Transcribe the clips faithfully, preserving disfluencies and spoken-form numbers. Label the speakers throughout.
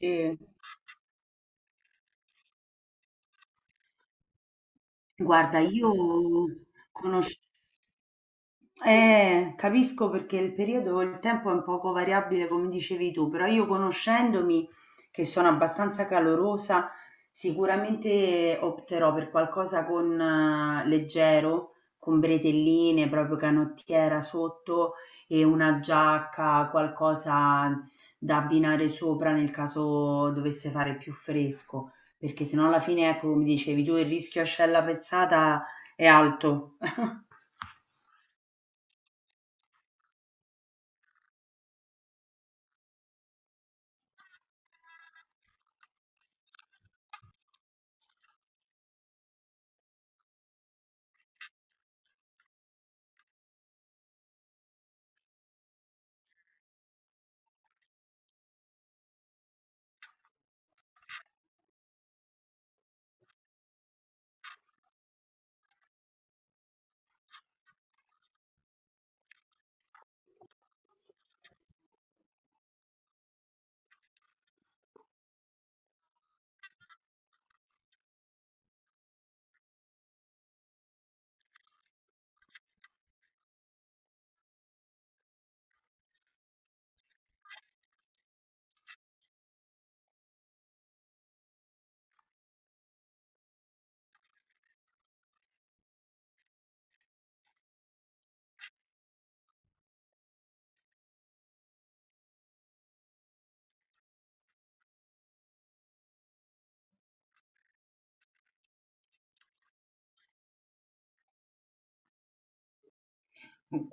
Speaker 1: Sì. Guarda, io conosci eh, capisco perché il periodo, il tempo è un poco variabile, come dicevi tu, però io conoscendomi, che sono abbastanza calorosa, sicuramente opterò per qualcosa con eh, leggero, con bretelline, proprio canottiera sotto e una giacca, qualcosa da abbinare sopra nel caso dovesse fare più fresco, perché sennò alla fine, ecco, come dicevi tu, il rischio ascella pezzata è alto.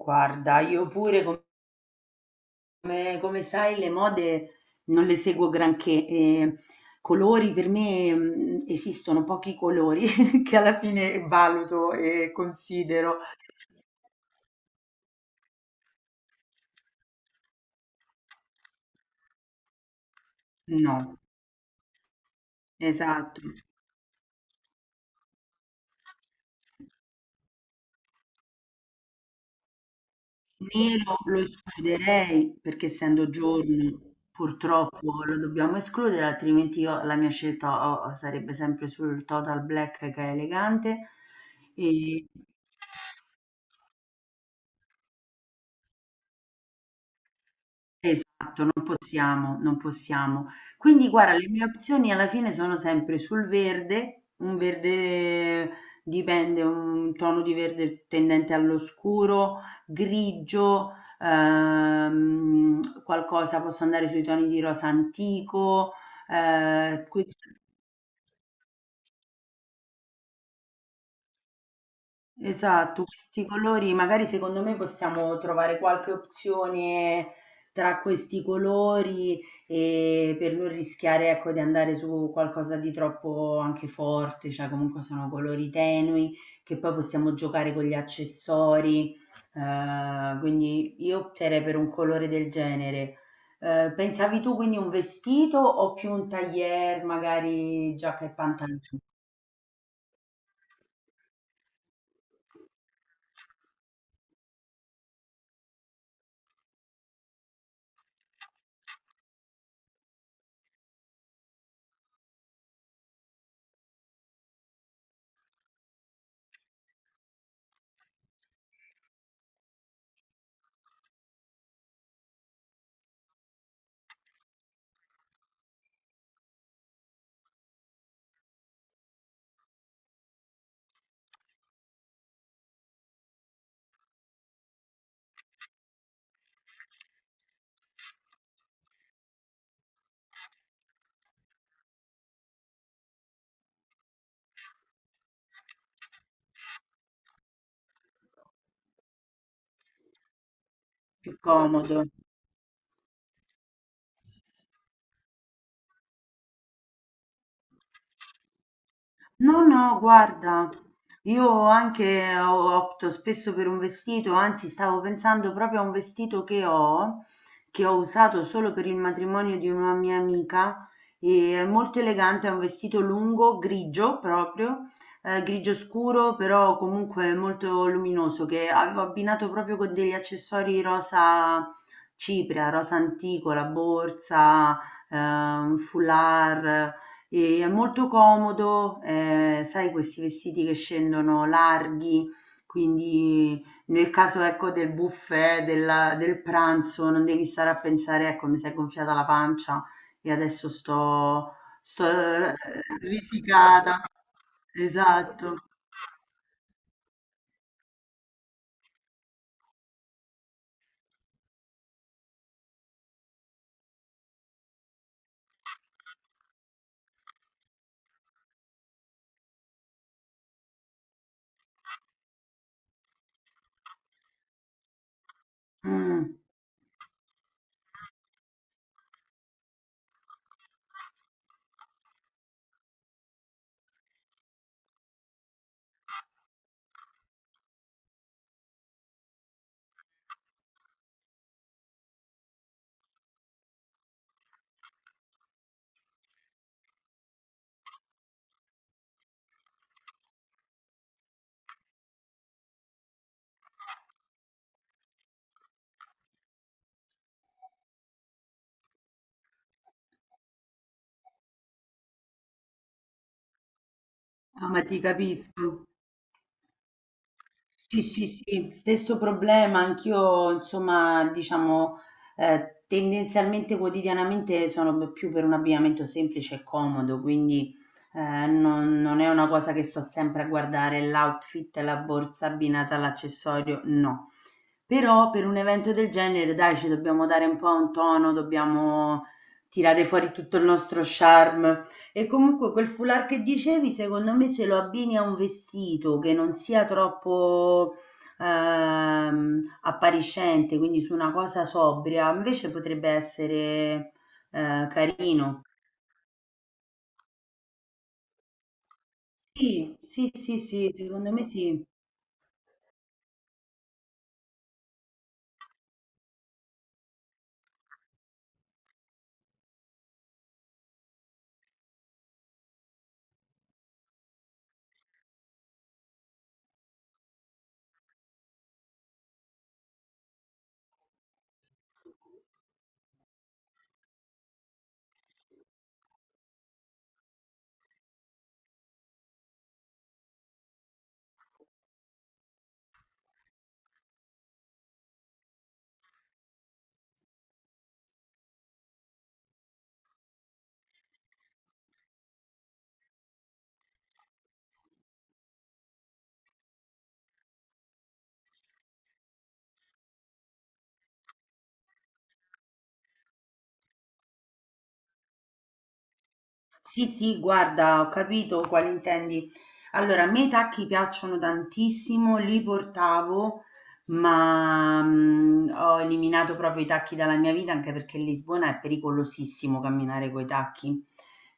Speaker 1: Guarda, io pure. Come come sai le mode non le seguo granché, ehm, colori per me, mhmm, esistono pochi colori che alla fine valuto e considero. No, esatto. Nero lo escluderei perché essendo giorno purtroppo lo dobbiamo escludere, altrimenti io la mia scelta o o sarebbe sempre sul total black che è elegante. e Esatto, non possiamo, non possiamo. Quindi guarda, le mie opzioni alla fine sono sempre sul verde, un verde dipende, un tono di verde tendente all'oscuro, grigio, ehm, qualcosa, posso andare sui toni di rosa antico. eh, que- Esatto, questi colori, magari secondo me possiamo trovare qualche opzione tra questi colori e per non rischiare, ecco, di andare su qualcosa di troppo anche forte, cioè comunque sono colori tenui che poi possiamo giocare con gli accessori, eh, quindi io opterei per un colore del genere. Eh, pensavi tu quindi un vestito o più un tailleur, magari giacca e pantaloni, più comodo? No, no, guarda, io anche o- opto spesso per un vestito, anzi stavo pensando proprio a un vestito che ho, che ho usato solo per il matrimonio di una mia amica, e è molto elegante, è un vestito lungo, grigio proprio, eh, grigio scuro, però comunque molto luminoso, che avevo abbinato proprio con degli accessori rosa cipria, rosa antico, la borsa, eh, un foulard. E è molto comodo, ehm, sai questi vestiti che scendono larghi, quindi nel caso, ecco, del buffet, della del pranzo, non devi stare a pensare: "Ecco, mi s'è gonfiata la pancia e adesso sto sto r risicata". Esatto. Mh. No, ma ti capisco. Sì, sì, sì, stesso problema, anch'io insomma diciamo eh, tendenzialmente quotidianamente sono più per un abbigliamento semplice e comodo, quindi eh, non, non è una cosa che sto sempre a guardare l'outfit, la borsa abbinata all'accessorio, no, però per un evento del genere, dai, ci dobbiamo dare un po' un tono, dobbiamo tirare fuori tutto il nostro charme. E comunque quel foulard che dicevi, secondo me, se lo abbini a un vestito che non sia troppo ehm, appariscente, quindi su una cosa sobria, invece potrebbe essere eh, carino. Sì, sì, sì, sì, secondo me sì. Sì, sì, guarda, ho capito quale intendi. Allora, a me i tacchi piacciono tantissimo, li portavo, ma mm, ho eliminato proprio i tacchi dalla mia vita anche perché Lisbona è pericolosissimo camminare coi tacchi.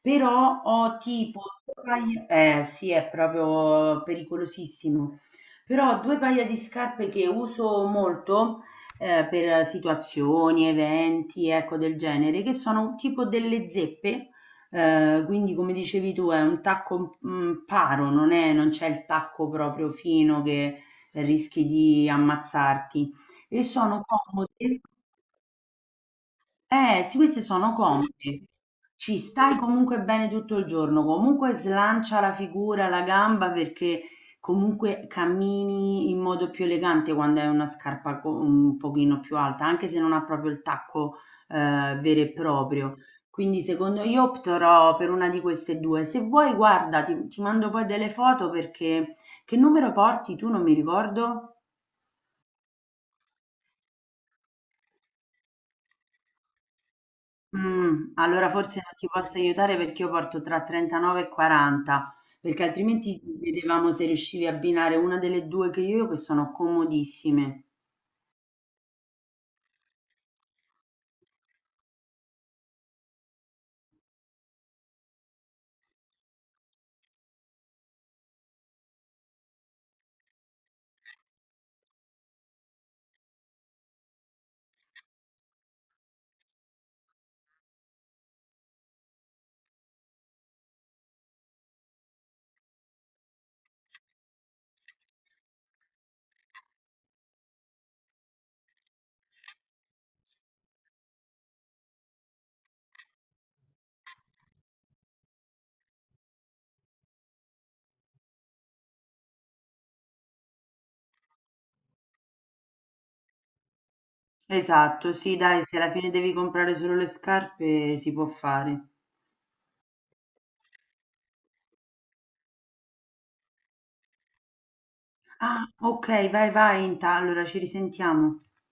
Speaker 1: Però ho tipo, due paia- eh sì, è proprio pericolosissimo. Però ho due paia di scarpe che uso molto eh, per situazioni, eventi, ecco del genere, che sono tipo delle zeppe. Ehm, quindi come dicevi tu è un tacco, mhmm, paro, non è non c'è il tacco proprio fino che rischi di ammazzarti e sono comode. Eh, sì, questi sono comodi. Ci stai comunque bene tutto il giorno, comunque slancia la figura, la gamba perché comunque cammini in modo più elegante quando hai una scarpa co- un pochino più alta, anche se non ha proprio il tacco eh, vero e proprio. Quindi secondo io opterò per una di queste due. Se vuoi, guarda, ti, ti mando poi delle foto perché che numero porti tu? Non mi ricordo. Mh, allora forse non ti posso aiutare perché io porto tra trentanove e quaranta, perché altrimenti vedevamo se riuscivi a abbinare una delle due che io ho, che sono comodissime. Esatto, sì, dai, se alla fine devi comprare solo le scarpe si può fare. Ah, ok, vai, vai, inta- allora ci risentiamo.